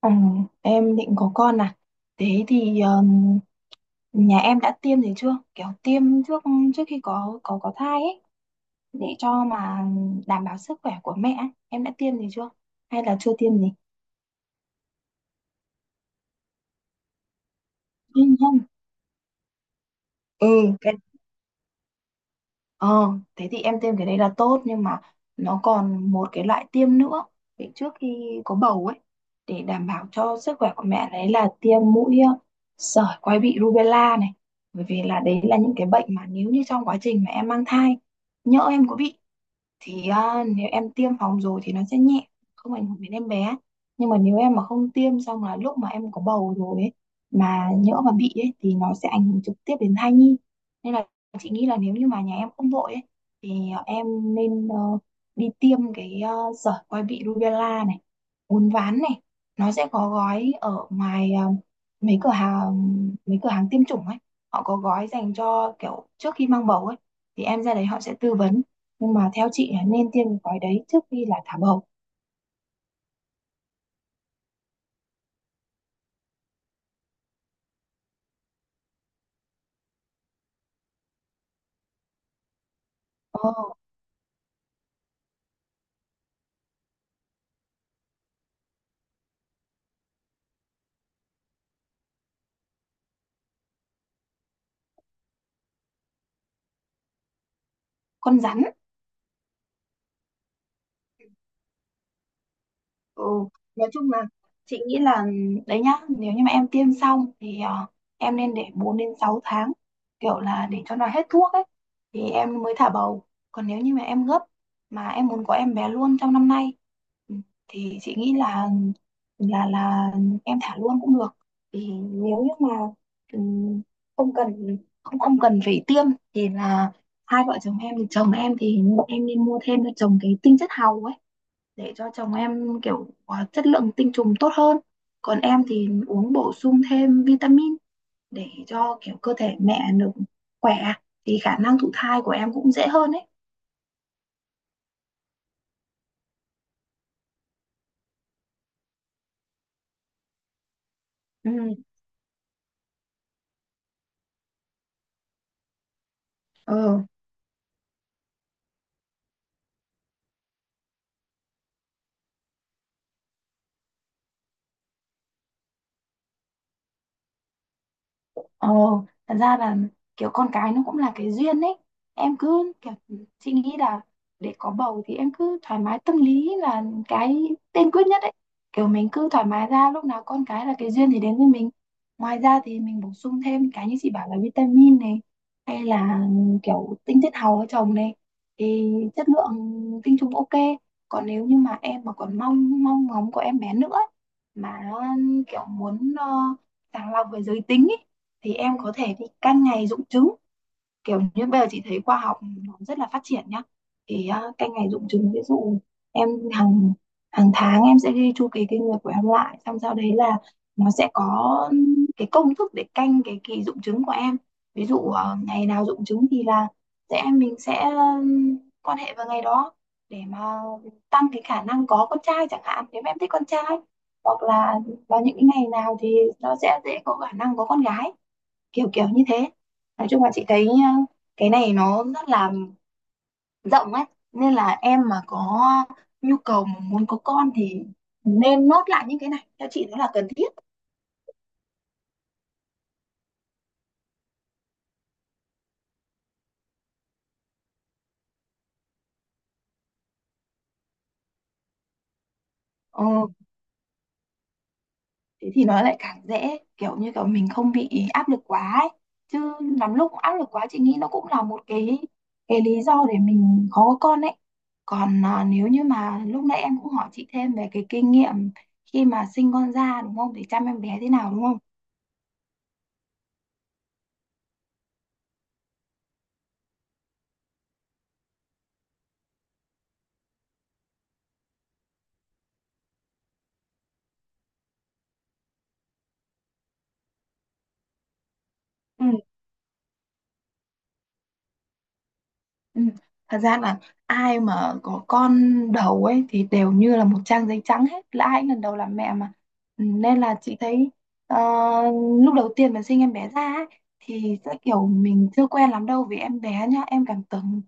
Ừ, em định có con à? Thế thì nhà em đã tiêm gì chưa? Kiểu tiêm trước trước khi có thai ấy để cho mà đảm bảo sức khỏe của mẹ ấy. Em đã tiêm gì chưa? Hay là chưa tiêm gì? Ừ. Không? Ừ. Ờ, thế thì em tiêm cái đấy là tốt, nhưng mà nó còn một cái loại tiêm nữa để trước khi có bầu ấy, để đảm bảo cho sức khỏe của mẹ, đấy là tiêm mũi sởi quai bị rubella này, bởi vì là đấy là những cái bệnh mà nếu như trong quá trình mà em mang thai nhỡ em có bị thì à, nếu em tiêm phòng rồi thì nó sẽ nhẹ, không ảnh hưởng đến em bé. Nhưng mà nếu em mà không tiêm, xong là lúc mà em có bầu rồi ấy, mà nhỡ mà bị ấy, thì nó sẽ ảnh hưởng trực tiếp đến thai nhi. Nên là chị nghĩ là nếu như mà nhà em không vội ấy, thì à, em nên đi tiêm cái sởi quai bị rubella này, uốn ván này. Nó sẽ có gói ở ngoài mấy cửa hàng mấy cửa hàng tiêm chủng ấy, họ có gói dành cho kiểu trước khi mang bầu ấy, thì em ra đấy họ sẽ tư vấn. Nhưng mà theo chị nên tiêm cái gói đấy trước khi là thả bầu. ờ, con rắn. Ừ, nói chung là chị nghĩ là đấy nhá, nếu như mà em tiêm xong thì em nên để 4 đến 6 tháng, kiểu là để cho nó hết thuốc ấy, thì em mới thả bầu. Còn nếu như mà em gấp, mà em muốn có em bé luôn trong năm nay, ừ, thì chị nghĩ là em thả luôn cũng được. Thì nếu như mà ừ, không cần, không không cần phải tiêm, thì là hai vợ chồng em thì em nên mua thêm cho chồng cái tinh chất hàu ấy, để cho chồng em kiểu à, chất lượng tinh trùng tốt hơn. Còn em thì uống bổ sung thêm vitamin để cho kiểu cơ thể mẹ được khỏe, thì khả năng thụ thai của em cũng dễ hơn ấy. Ừ. ờ. Ờ, thật ra là kiểu con cái nó cũng là cái duyên ấy. Em cứ kiểu, chị nghĩ là để có bầu thì em cứ thoải mái tâm lý là cái tiên quyết nhất ấy. Kiểu mình cứ thoải mái ra, lúc nào con cái là cái duyên thì đến với mình. Ngoài ra thì mình bổ sung thêm cái như chị bảo là vitamin này, hay là kiểu tinh chất hào ở chồng này, thì chất lượng tinh trùng ok. Còn nếu như mà em mà còn mong mong ngóng có em bé nữa ấy, mà kiểu muốn sàng lọc về giới tính ấy, thì em có thể đi canh ngày rụng trứng. Kiểu như bây giờ chị thấy khoa học nó rất là phát triển nhá, thì à, canh ngày rụng trứng, ví dụ em hàng hàng tháng em sẽ ghi chu kỳ kinh nguyệt của em lại, xong sau đấy là nó sẽ có cái công thức để canh cái kỳ rụng trứng của em. Ví dụ ngày nào rụng trứng thì là sẽ mình sẽ quan hệ vào ngày đó để mà tăng cái khả năng có con trai chẳng hạn, nếu mà em thích con trai. Hoặc là vào những cái ngày nào thì nó sẽ dễ có khả năng có con gái, kiểu kiểu như thế. Nói chung là chị thấy cái này nó rất là rộng ấy, nên là em mà có nhu cầu mà muốn có con thì nên nốt lại những cái này, theo chị nó là cần thiết. Ờ, thế thì nó lại càng dễ, kiểu như kiểu mình không bị áp lực quá ấy. Chứ lắm lúc áp lực quá chị nghĩ nó cũng là một cái lý do để mình khó có con ấy. Còn à, nếu như mà lúc nãy em cũng hỏi chị thêm về cái kinh nghiệm khi mà sinh con ra, đúng không, để chăm em bé thế nào đúng không. Ừ, Ừ. Thật ra là ai mà có con đầu ấy thì đều như là một trang giấy trắng hết, là ai cũng lần đầu làm mẹ mà. Ừ, nên là chị thấy ờ, lúc đầu tiên mà sinh em bé ra ấy, thì sẽ kiểu mình chưa quen lắm đâu, vì em bé nhá, em cảm tưởng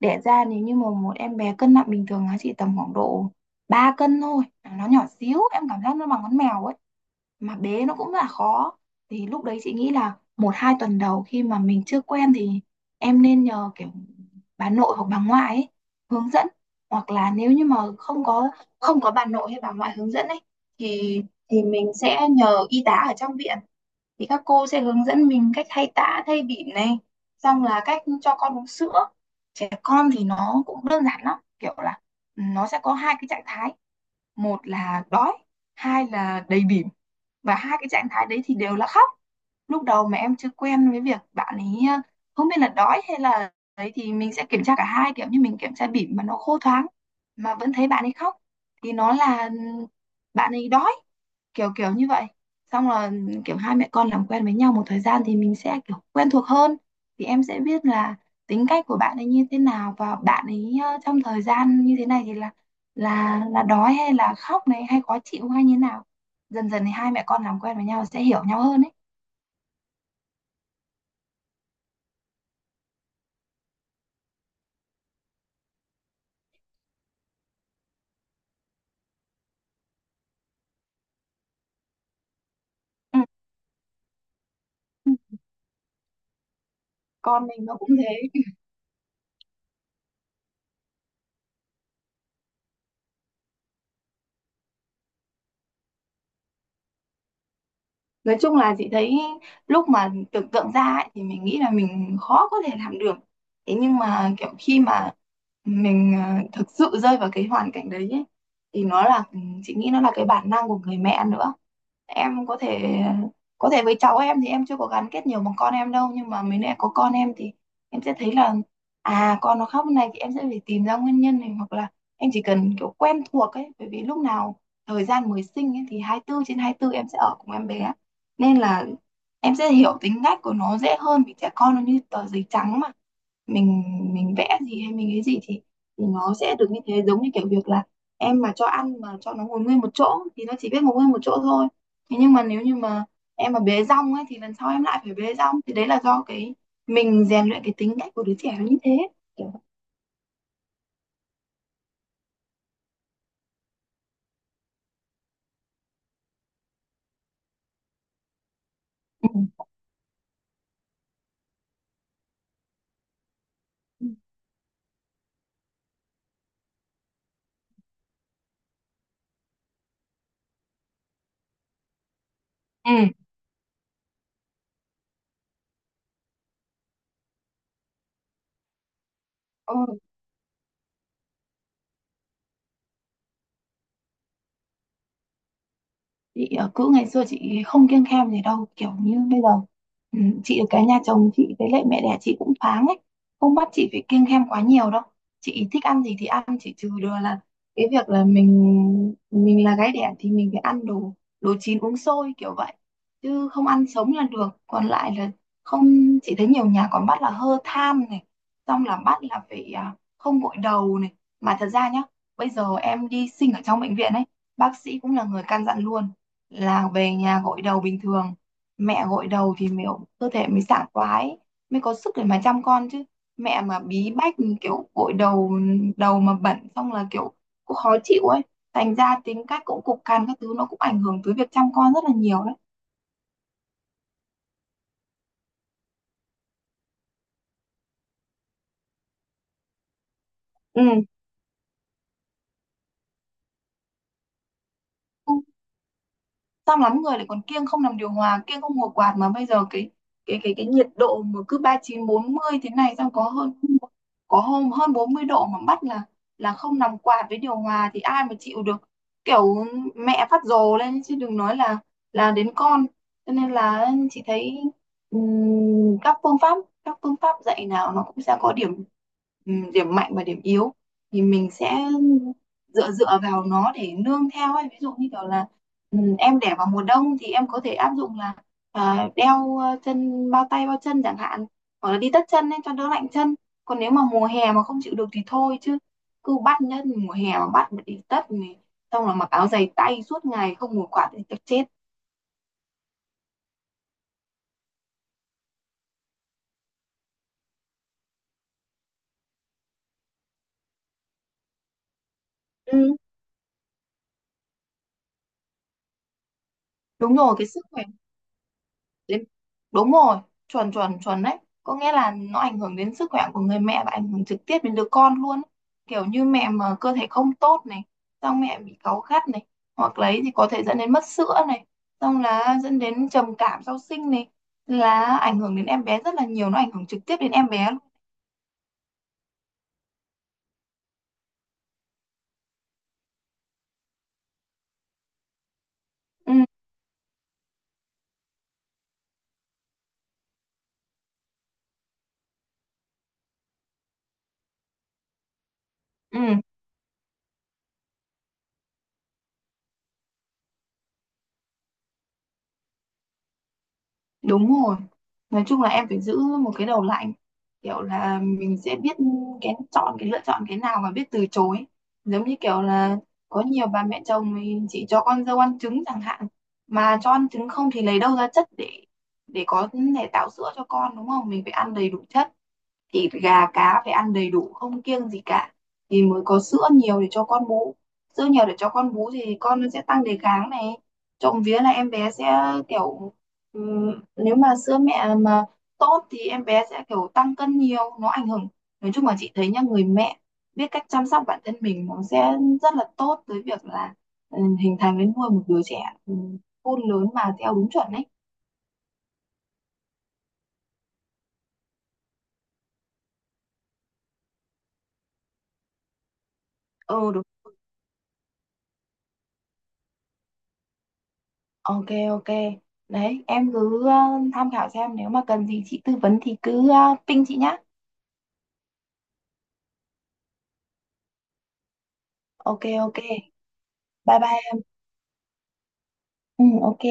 đẻ ra nếu như mà một em bé cân nặng bình thường nó chỉ tầm khoảng độ 3 cân thôi, nó nhỏ xíu, em cảm giác nó bằng con mèo ấy, mà bé nó cũng là khó. Thì lúc đấy chị nghĩ là 1-2 tuần đầu khi mà mình chưa quen, thì em nên nhờ kiểu bà nội hoặc bà ngoại ấy, hướng dẫn. Hoặc là nếu như mà không có bà nội hay bà ngoại hướng dẫn ấy, thì thì mình sẽ nhờ y tá ở trong viện, thì các cô sẽ hướng dẫn mình cách thay tã thay bỉm này, xong là cách cho con uống sữa. Trẻ con thì nó cũng đơn giản lắm, kiểu là nó sẽ có hai cái trạng thái, một là đói, hai là đầy bỉm, và hai cái trạng thái đấy thì đều là khóc. Lúc đầu mà em chưa quen với việc bạn ấy không biết là đói hay là đấy, thì mình sẽ kiểm tra cả hai, kiểu như mình kiểm tra bỉm mà nó khô thoáng mà vẫn thấy bạn ấy khóc thì nó là bạn ấy đói, kiểu kiểu như vậy. Xong là kiểu hai mẹ con làm quen với nhau một thời gian thì mình sẽ kiểu quen thuộc hơn, thì em sẽ biết là tính cách của bạn ấy như thế nào, và bạn ấy trong thời gian như thế này thì là đói hay là khóc này, hay khó chịu hay như thế nào. Dần dần thì hai mẹ con làm quen với nhau sẽ hiểu nhau hơn ấy. Ừ. Ừ. Con mình nó cũng thế. Nói chung là chị thấy lúc mà tưởng tượng ra ấy, thì mình nghĩ là mình khó có thể làm được. Thế nhưng mà kiểu khi mà mình thực sự rơi vào cái hoàn cảnh đấy ấy, thì nó là chị nghĩ nó là cái bản năng của người mẹ nữa. Em có thể với cháu em thì em chưa có gắn kết nhiều bằng con em đâu, nhưng mà mới lại có con em thì em sẽ thấy là à, con nó khóc như này thì em sẽ phải tìm ra nguyên nhân này. Hoặc là em chỉ cần kiểu quen thuộc ấy, bởi vì lúc nào thời gian mới sinh ấy, thì 24/24 em sẽ ở cùng em bé, nên là em sẽ hiểu tính cách của nó dễ hơn, vì trẻ con nó như tờ giấy trắng mà, mình mình vẽ gì hay mình cái gì thì nó sẽ được như thế. Giống như kiểu việc là em mà cho ăn mà cho nó ngồi nguyên một chỗ thì nó chỉ biết ngồi nguyên một chỗ thôi. Thế nhưng mà nếu như mà em mà bế rong ấy, thì lần sau em lại phải bế rong, thì đấy là do cái mình rèn luyện cái tính cách của đứa trẻ nó như thế, kiểu. Ừ. Ừ. Ừ. Chị cữ ngày xưa chị không kiêng khem gì đâu, kiểu như bây giờ ừ, chị ở cái nhà chồng chị với lại mẹ đẻ chị cũng thoáng ấy, không bắt chị phải kiêng khem quá nhiều đâu. Chị thích ăn gì thì ăn, chỉ trừ được là cái việc là mình là gái đẻ thì mình phải ăn đồ đồ chín uống sôi kiểu vậy, chứ không ăn sống là được. Còn lại là không, chị thấy nhiều nhà còn bắt là hơ than này, xong là bắt là phải à, không gội đầu này. Mà thật ra nhá, bây giờ em đi sinh ở trong bệnh viện ấy, bác sĩ cũng là người căn dặn luôn là về nhà gội đầu bình thường. Mẹ gội đầu thì mới cơ thể mới sảng khoái, mới có sức để mà chăm con chứ. Mẹ mà bí bách, kiểu gội đầu, đầu mà bẩn xong là kiểu cũng khó chịu ấy, thành ra tính cách cũng cục cằn các thứ, nó cũng ảnh hưởng tới việc chăm con rất là nhiều đấy. Ừ. Xong lắm người lại còn kiêng không làm điều hòa, kiêng không ngồi quạt, mà bây giờ cái nhiệt độ mà cứ 39-40 thế này, xong có hôm hơn 40 độ mà bắt là không nằm quạt với điều hòa thì ai mà chịu được. Kiểu mẹ phát rồ lên chứ đừng nói là đến con. Cho nên là chị thấy ừm, các phương pháp các phương pháp dạy nào nó cũng sẽ có điểm, điểm mạnh và điểm yếu. Thì mình sẽ dựa dựa vào nó để nương theo ấy. Ví dụ như kiểu là, ừ, em để vào mùa đông thì em có thể áp dụng là à, đeo chân, bao tay bao chân chẳng hạn, hoặc là đi tất chân ấy cho đỡ lạnh chân. Còn nếu mà mùa hè mà không chịu được thì thôi, chứ cứ bắt nhá, mùa hè mà bắt mà đi tất này, xong là mặc áo dày tay suốt ngày không một quạt thì chắc chết. Ừ. Đúng rồi, cái sức khỏe. Đến, đúng rồi, chuẩn chuẩn chuẩn đấy, có nghĩa là nó ảnh hưởng đến sức khỏe của người mẹ và ảnh hưởng trực tiếp đến đứa con luôn ấy. Kiểu như mẹ mà cơ thể không tốt này, xong mẹ bị cáu gắt này, hoặc lấy thì có thể dẫn đến mất sữa này, xong là dẫn đến trầm cảm sau sinh này, là ảnh hưởng đến em bé rất là nhiều, nó ảnh hưởng trực tiếp đến em bé luôn. Ừ. Ừ. Đúng rồi. Nói chung là em phải giữ một cái đầu lạnh. Kiểu là mình sẽ biết cái chọn, cái lựa chọn cái nào và biết từ chối. Giống như kiểu là có nhiều bà mẹ chồng thì chỉ cho con dâu ăn trứng chẳng hạn. Mà cho ăn trứng không thì lấy đâu ra chất để có thể tạo sữa cho con, đúng không? Mình phải ăn đầy đủ chất, thịt gà cá phải ăn đầy đủ, không kiêng gì cả, thì mới có sữa nhiều để cho con bú. Sữa nhiều để cho con bú thì con nó sẽ tăng đề kháng này. Trộm vía là em bé sẽ kiểu nếu mà sữa mẹ mà tốt thì em bé sẽ kiểu tăng cân nhiều, nó ảnh hưởng. Nói chung là chị thấy nhá, người mẹ biết cách chăm sóc bản thân mình nó sẽ rất là tốt tới việc là hình thành đến nuôi một đứa trẻ ừm, khôn lớn mà theo đúng chuẩn ấy. Ừ, đúng. Ok, ok. Đấy, em cứ tham khảo xem, nếu mà cần gì chị tư vấn thì cứ ping chị nhá. Ok ok. Bye bye. Ừ, ok.